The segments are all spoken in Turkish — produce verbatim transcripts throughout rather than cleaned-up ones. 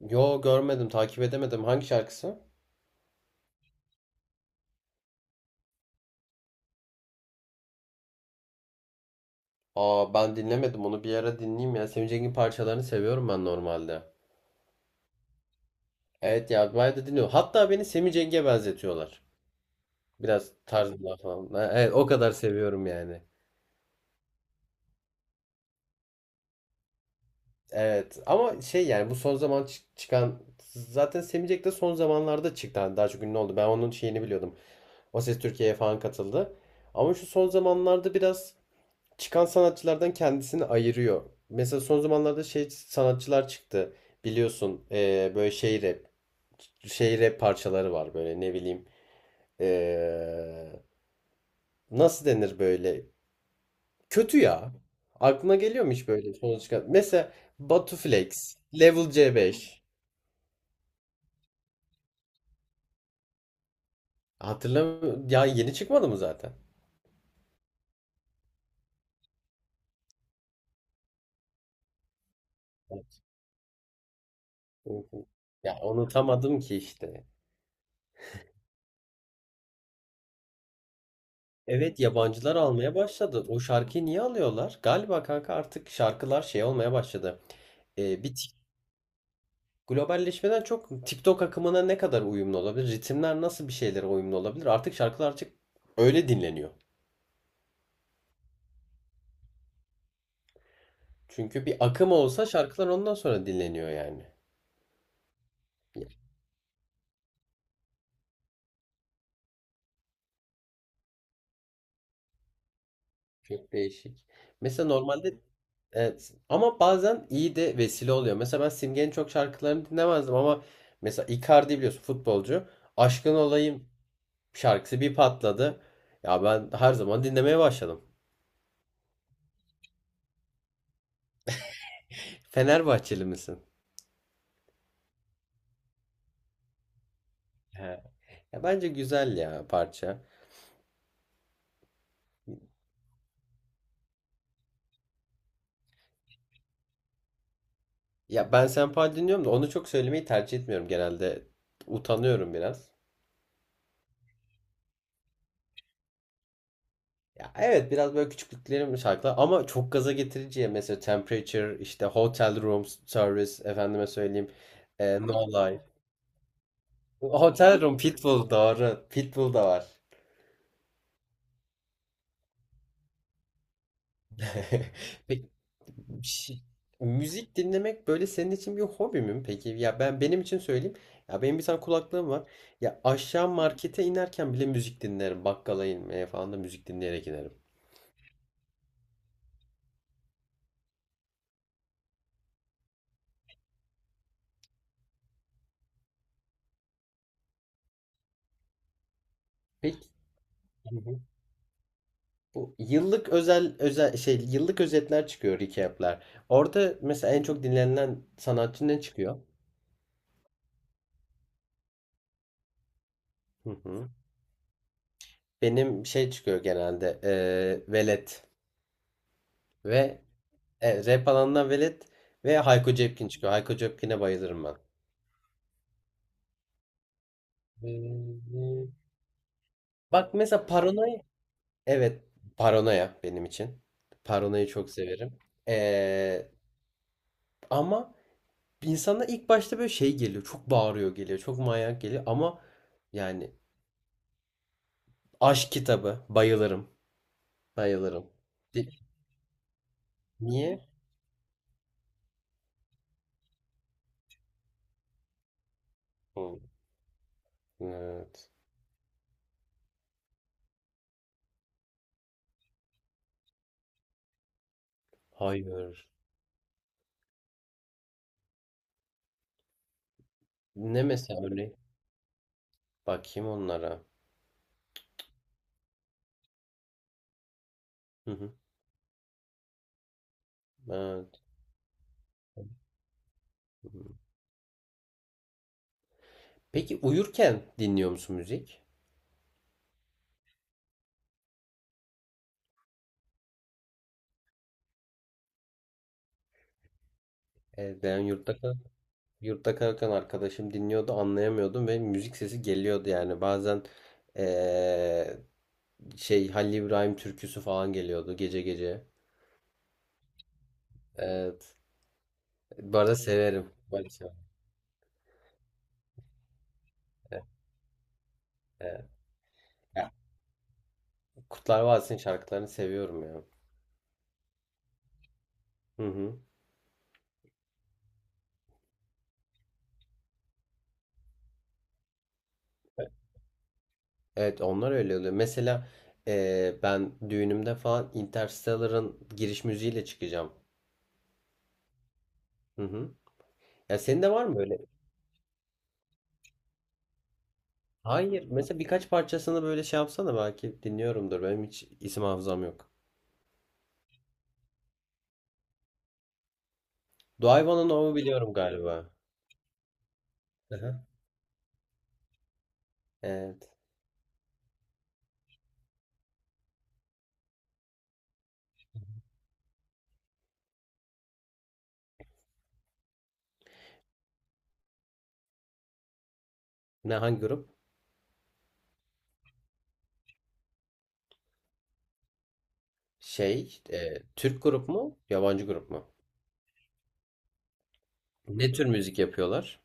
Yo, görmedim, takip edemedim. Hangi şarkısı? Aa, ben dinlemedim onu, bir ara dinleyeyim ya. Semih Cengiz'in parçalarını seviyorum ben normalde. Evet ya, bayağı da dinliyorum. Hatta beni Semih Cengiz'e benzetiyorlar. Biraz tarzından falan. Ha, evet, o kadar seviyorum yani. Evet ama şey, yani bu son zaman çı- çıkan zaten Semih Cengiz de son zamanlarda çıktı. Hani daha çok ünlü oldu. Ben onun şeyini biliyordum. O Ses Türkiye'ye falan katıldı. Ama şu son zamanlarda biraz çıkan sanatçılardan kendisini ayırıyor. Mesela son zamanlarda şey sanatçılar çıktı. Biliyorsun eee, böyle şey rap, şey rap parçaları var böyle, ne bileyim. eee, Nasıl denir böyle? Kötü ya. Aklına geliyor mu hiç böyle son çıkan? Mesela Batu Flex, Level C beş. Hatırlamıyorum. Ya yeni çıkmadı mı zaten? Ya unutamadım ki işte. Evet, yabancılar almaya başladı. O şarkıyı niye alıyorlar? Galiba kanka artık şarkılar şey olmaya başladı. e, bir tik- Globalleşmeden çok TikTok akımına ne kadar uyumlu olabilir? Ritimler nasıl bir şeylere uyumlu olabilir? Artık şarkılar artık öyle dinleniyor. Çünkü bir akım olsa şarkılar ondan sonra dinleniyor yani. Ya, çok değişik. Mesela normalde evet, ama bazen iyi de vesile oluyor. Mesela ben Simge'nin çok şarkılarını dinlemezdim ama mesela Icardi, biliyorsun, futbolcu. Aşkın Olayım şarkısı bir patladı. Ya ben her zaman dinlemeye başladım. Fenerbahçeli misin? He. Ya bence güzel ya parça. Ya ben senpai dinliyorum da onu çok söylemeyi tercih etmiyorum genelde. Utanıyorum biraz. Ya evet, biraz böyle küçüklüklerim şarkılar, ama çok gaza getiriciye mesela Temperature, işte Hotel Room Service, efendime söyleyeyim. e, No Life. Hotel Room Pitbull, doğru. Pitbull da var. Peki, bir şey- müzik dinlemek böyle senin için bir hobi mi peki? Ya ben benim için söyleyeyim. Ya, benim bir tane kulaklığım var. Ya aşağı markete inerken bile müzik dinlerim. Bakkala inmeye falan da müzik dinleyerek inerim. Peki bu yıllık özel özel şey, yıllık özetler çıkıyor, recap'ler. Orada mesela en çok dinlenilen sanatçı ne çıkıyor? Hı hı. Benim şey çıkıyor genelde, eee Velet ve e, rap alanından Velet ve Hayko Cepkin çıkıyor. Hayko Cepkin'e bayılırım ben. Eee, Bak mesela Paranoia. Evet, paranoya benim için. Paranoyayı çok severim. Ee, Ama insana ilk başta böyle şey geliyor. Çok bağırıyor geliyor. Çok manyak geliyor. Ama yani aşk kitabı. Bayılırım. Bayılırım. Di- Niye? Hı, evet. Hayır. Ne mesela, örneğin? Bakayım onlara. Hı hı. Evet. Hı. Peki uyurken dinliyor musun müzik? Ee, ben yurtta Yurtta kalırken arkadaşım dinliyordu, anlayamıyordum ve müzik sesi geliyordu yani. Bazen eee, şey, Halil İbrahim türküsü falan geliyordu gece gece. Evet. Bu arada severim. Böyle severim. Evet, evet. Ya, Kurtlar Vadisi'nin şarkılarını seviyorum ya. Hı hı. Evet, onlar öyle oluyor. Mesela eee, ben düğünümde falan Interstellar'ın giriş müziğiyle çıkacağım. Hı hı. Ya senin de var mı böyle? Hayır. Mesela birkaç parçasını böyle şey yapsana, belki dinliyorumdur. Benim hiç isim hafızam yok. Doğayvan'ın Ov'u biliyorum galiba. Aha. Evet. Ne, hangi grup? Şey, işte, e, Türk grup mu, yabancı grup mu? Ne tür müzik yapıyorlar?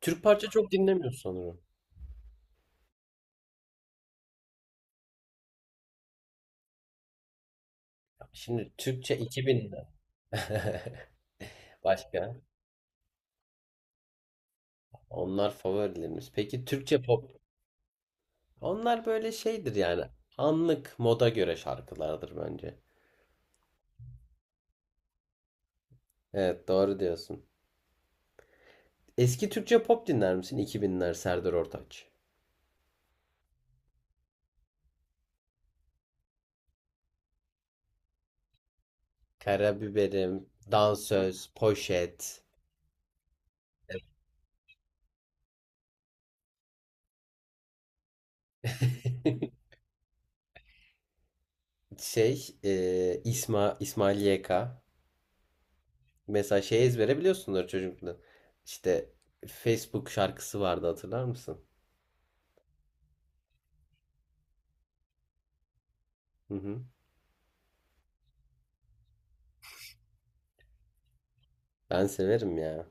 Türk parça çok dinlemiyoruz sanırım. Şimdi Türkçe iki binden. Başka. Onlar favorilerimiz. Peki Türkçe pop? Onlar böyle şeydir yani. Anlık moda göre şarkılardır bence. Evet, doğru diyorsun. Eski Türkçe pop dinler misin? iki binler Serdar Ortaç. Karabiberim, Dansöz, Poşet. Şey, e, İsma, İsmail Y K. Mesela şey ezbere biliyorsundur çocukluğunda. İşte Facebook şarkısı vardı, hatırlar mısın? Hı hı. Ben severim ya.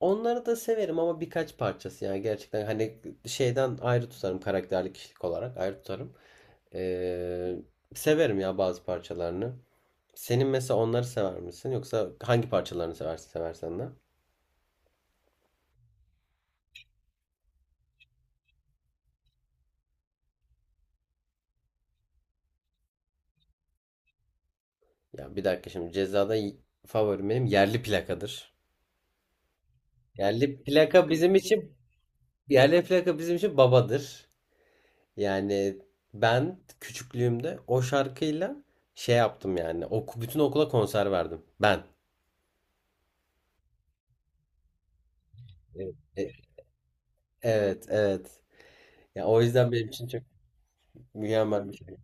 Onları da severim ama birkaç parçası yani, gerçekten hani şeyden ayrı tutarım, karakterli kişilik olarak ayrı tutarım. Ee, Severim ya, bazı parçalarını. Senin mesela onları sever misin, yoksa hangi parçalarını seversin seversen de? Ya bir dakika, şimdi Ceza'da y- favorim benim yerli plakadır. Yerli plaka bizim için Yerli plaka bizim için babadır. Yani ben küçüklüğümde o şarkıyla şey yaptım yani. Oku, bütün okula konser verdim. Ben. Evet. E- Evet, evet. Ya o yüzden benim için çok mükemmel bir şey.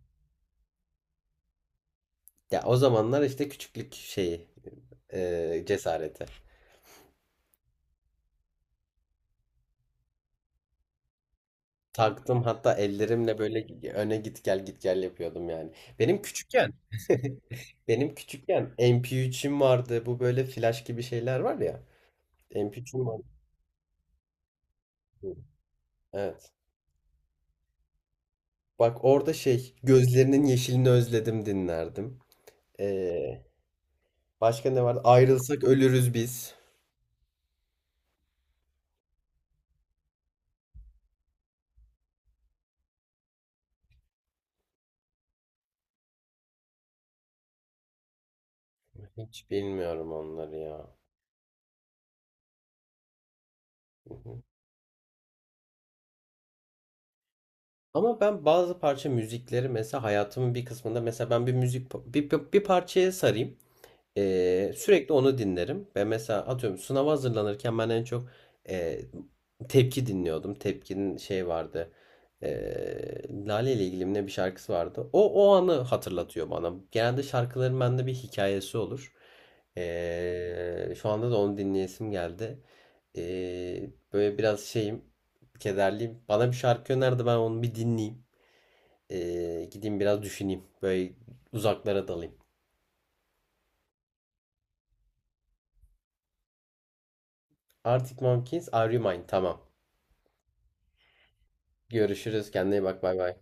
Ya o zamanlar işte küçüklük şeyi, e, cesareti. Taktım, hatta ellerimle böyle öne git gel git gel yapıyordum yani. Benim küçükken benim küçükken M P üçüm vardı. Bu böyle flash gibi şeyler var ya. M P üçüm vardı. Evet. Bak, orada şey, gözlerinin yeşilini özledim dinlerdim. Ee, Başka ne vardı? Ayrılsak ölürüz biz. Hiç bilmiyorum onları ya. Hı hı. Ama ben bazı parça müzikleri mesela hayatımın bir kısmında, mesela ben bir müzik bir, bir, bir parçaya sarayım. Ee, sürekli onu dinlerim. Ve mesela atıyorum, sınava hazırlanırken ben en çok e, Tepki dinliyordum. Tepki'nin şey vardı. Ee, Lale ile ilgili mi ne bir şarkısı vardı. O o anı hatırlatıyor bana. Genelde şarkıların bende bir hikayesi olur. Ee, şu anda da onu dinleyesim geldi. Ee, böyle biraz şeyim, kederliyim. Bana bir şarkı önerdi, ben onu bir dinleyeyim. Ee, gideyim biraz düşüneyim. Böyle uzaklara dalayım. Arctic Monkeys, Are You Mine? Tamam. Görüşürüz. Kendine iyi bak. Bay bay.